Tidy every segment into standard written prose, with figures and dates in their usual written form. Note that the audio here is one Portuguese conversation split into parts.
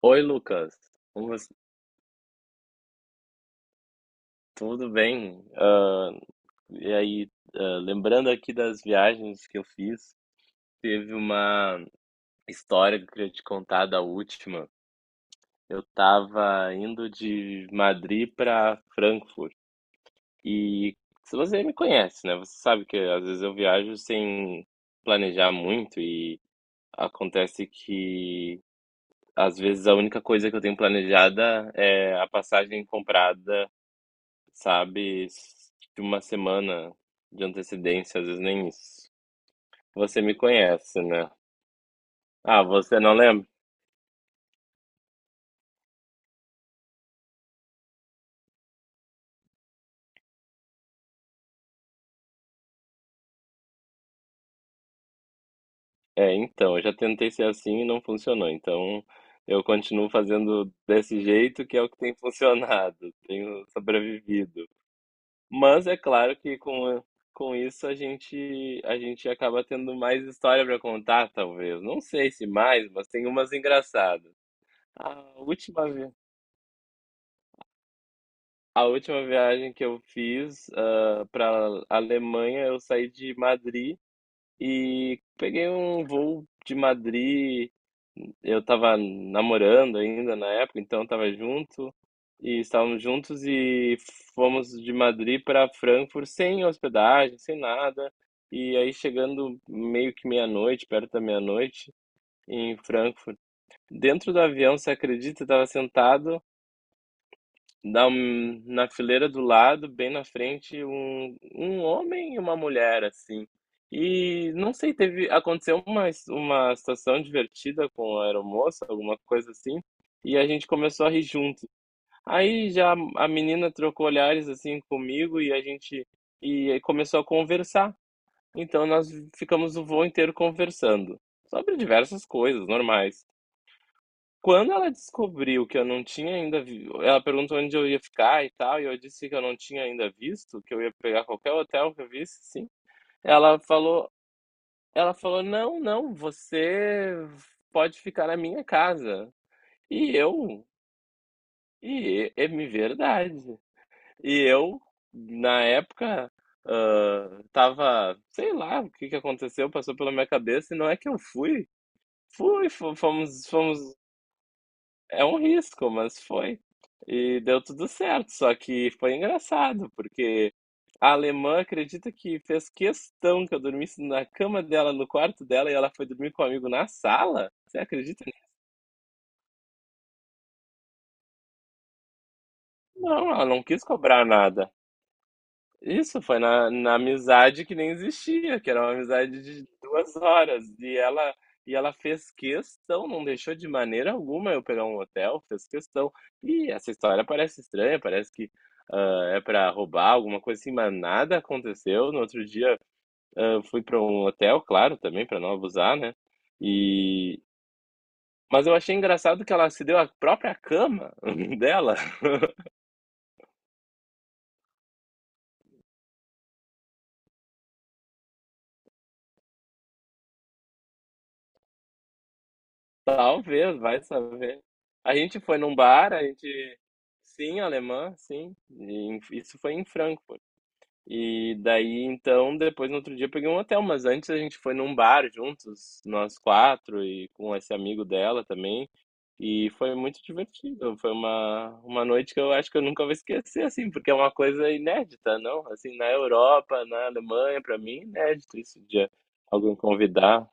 Oi, Lucas. Como você- Tudo bem? Ah, e aí, lembrando aqui das viagens que eu fiz, teve uma história que eu queria te contar da última. Eu estava indo de Madrid para Frankfurt. E se você me conhece, né? Você sabe que às vezes eu viajo sem planejar muito e acontece que às vezes a única coisa que eu tenho planejada é a passagem comprada, sabe? De uma semana de antecedência, às vezes nem isso. Você me conhece, né? Ah, você não lembra? É, então, eu já tentei ser assim e não funcionou. Então, eu continuo fazendo desse jeito, que é o que tem funcionado. Tenho sobrevivido. Mas é claro que com isso a gente acaba tendo mais história para contar, talvez. Não sei se mais, mas tem umas engraçadas. A última vez. A última viagem que eu fiz, para Alemanha, eu saí de Madrid e peguei um voo de Madrid. Eu estava namorando ainda na época, então estava junto e estávamos juntos e fomos de Madrid para Frankfurt sem hospedagem, sem nada. E aí chegando meio que meia-noite, perto da meia-noite, em Frankfurt, dentro do avião, você acredita, eu estava sentado. Dá um na fileira do lado, bem na frente, um homem e uma mulher, assim. E não sei, teve aconteceu uma situação divertida com a aeromoça, alguma coisa assim, e a gente começou a rir junto. Aí já a menina trocou olhares, assim, comigo e aí começou a conversar. Então nós ficamos o voo inteiro conversando sobre diversas coisas normais. Quando ela descobriu que eu não tinha ainda vi ela perguntou onde eu ia ficar e tal, e eu disse que eu não tinha ainda visto, que eu ia pegar qualquer hotel que eu visse, sim. Ela falou Ela falou: "Não, não, você pode ficar na minha casa". E eu e é é me verdade. E eu, na época, estava sei lá o que que aconteceu, passou pela minha cabeça, e não é que eu fui. Fui, fo fomos fomos É um risco, mas foi. E deu tudo certo, só que foi engraçado, porque a alemã acredita que fez questão que eu dormisse na cama dela, no quarto dela, e ela foi dormir com um amigo na sala? Você acredita nisso? Não, ela não quis cobrar nada. Isso, foi na amizade que nem existia, que era uma amizade de 2 horas, e ela fez questão, não deixou de maneira alguma eu pegar um hotel, fez questão. E essa história parece estranha, parece que, é para roubar, alguma coisa assim, mas nada aconteceu. No outro dia, fui para um hotel, claro, também para não abusar, né, e mas eu achei engraçado que ela se deu a própria cama dela, talvez, vai saber. A gente foi num bar, a gente. Sim, alemã, sim. E isso foi em Frankfurt. E daí, então, depois no outro dia eu peguei um hotel, mas antes a gente foi num bar juntos, nós quatro e com esse amigo dela também. E foi muito divertido. Foi uma noite que eu acho que eu nunca vou esquecer, assim, porque é uma coisa inédita, não? Assim, na Europa, na Alemanha, pra mim, é inédito isso de alguém convidar.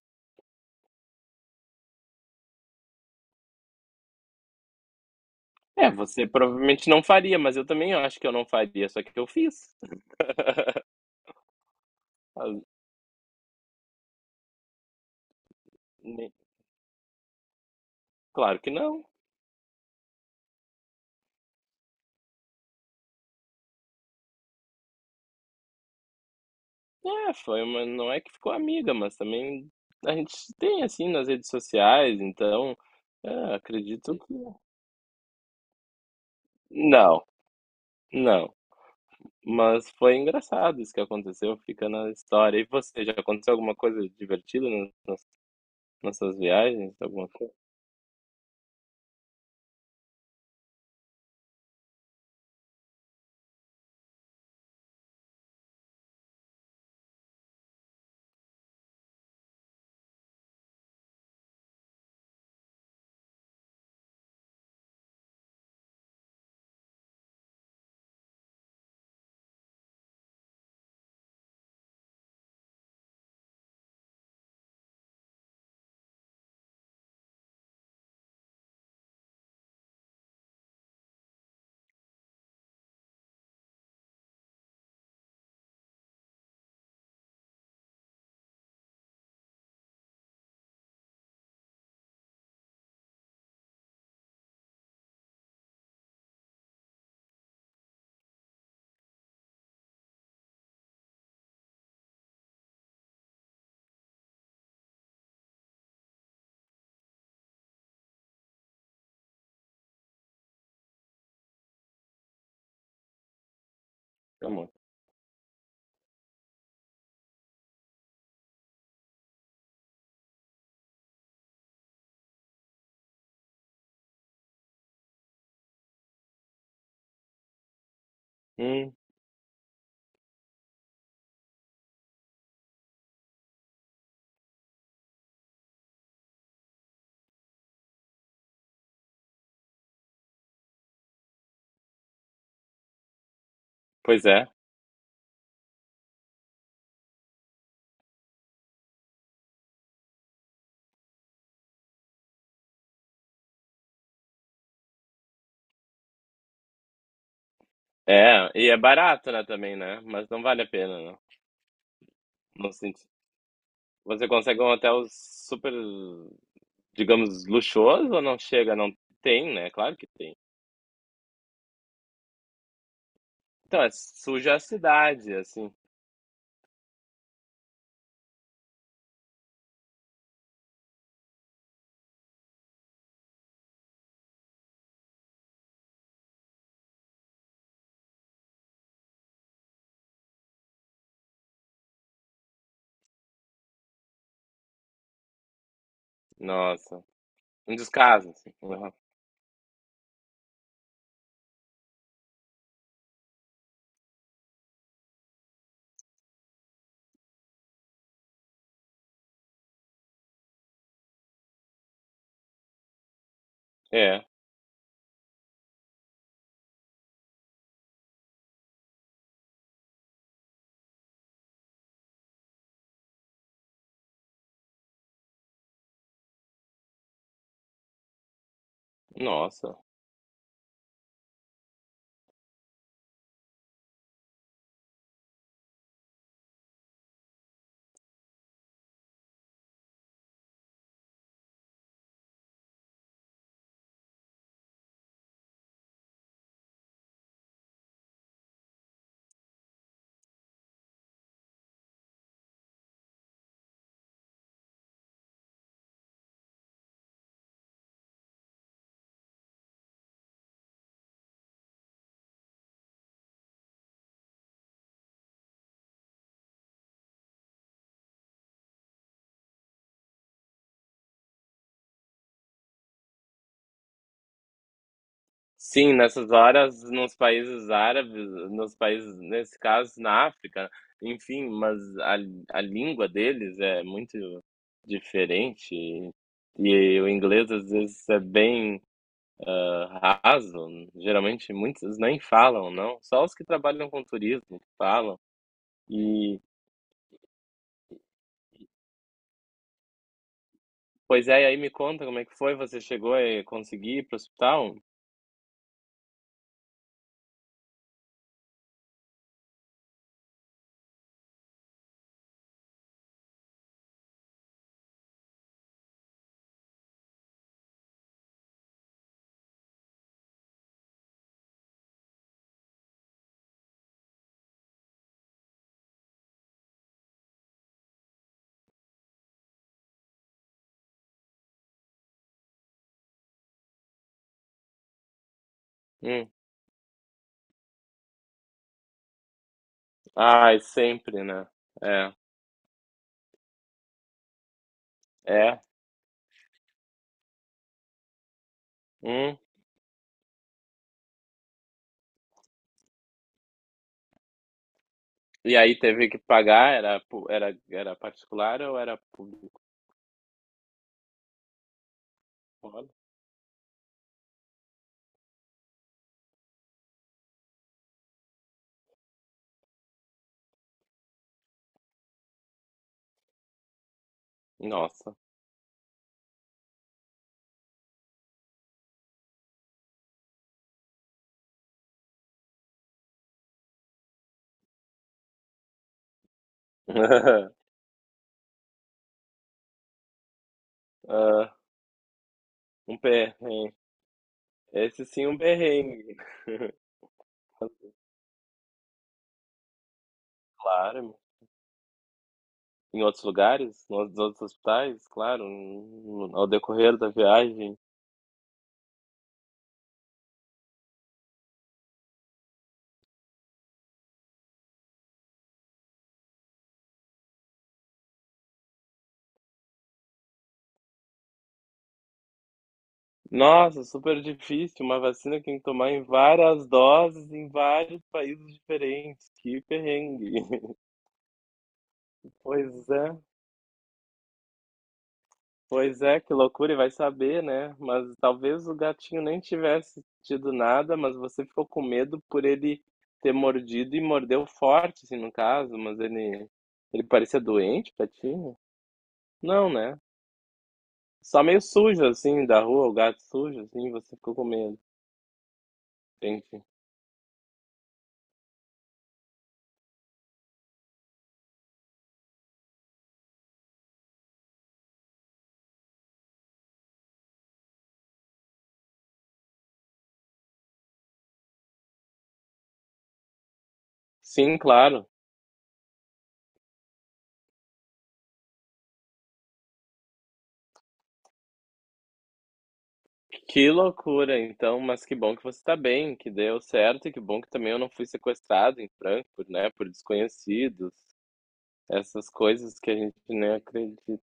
É, você provavelmente não faria, mas eu também acho que eu não faria, só que eu fiz. Ah, ne- Claro que não. É, foi uma não é que ficou amiga, mas também a gente se tem, assim, nas redes sociais, então, acredito que não, não. Mas foi engraçado isso que aconteceu, fica na história. E você, já aconteceu alguma coisa divertida nas nas nessas viagens? Alguma coisa? Como? Hum, pois é. É, e é barato, né, também, né, mas não vale a pena, não. Não senti, você consegue um hotel super, digamos, luxuoso ou não chega? Não, tem, né, claro que tem. Então, é suja a cidade, assim. Nossa. Um descaso, assim. Uhum. É. Nossa. Sim, nessas horas, nos países árabes, nos países, nesse caso, na África, enfim, mas a língua deles é muito diferente. E o inglês, às vezes, é bem raso. Geralmente, muitos nem falam, não. Só os que trabalham com turismo falam. E pois é, e aí me conta como é que foi, você chegou a conseguir ir pro hospital? Hum. Ai, sempre, né? É. É. Hum. E aí teve que pagar, era era particular ou era público? Olha. Nossa. Ah, um perrengue. Esse sim, um perrengue. Claro. Em outros lugares, nos outros hospitais, claro, ao decorrer da viagem. Nossa, super difícil. Uma vacina que tem que tomar em várias doses em vários países diferentes. Que perrengue. Pois é, pois é, que loucura. E vai saber, né? Mas talvez o gatinho nem tivesse tido nada, mas você ficou com medo por ele ter mordido e mordeu forte, assim, no caso. Mas ele parecia doente, patinho? Não, né? Só meio sujo, assim, da rua, o gato sujo, assim, você ficou com medo. Entendi. Sim, claro. Que loucura, então, mas que bom que você está bem, que deu certo e que bom que também eu não fui sequestrado em Frankfurt, né, por desconhecidos. Essas coisas que a gente nem acredita.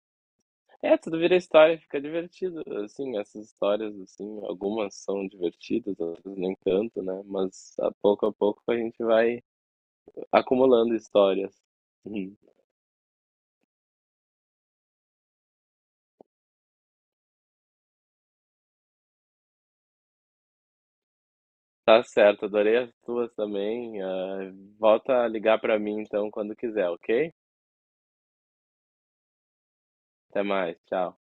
É, tudo vira história, fica divertido, assim, essas histórias, assim, algumas são divertidas, outras nem tanto, né, mas a pouco a pouco a gente vai acumulando histórias. Uhum. Tá certo, adorei as tuas também. Volta a ligar para mim, então, quando quiser, ok? Até mais, tchau.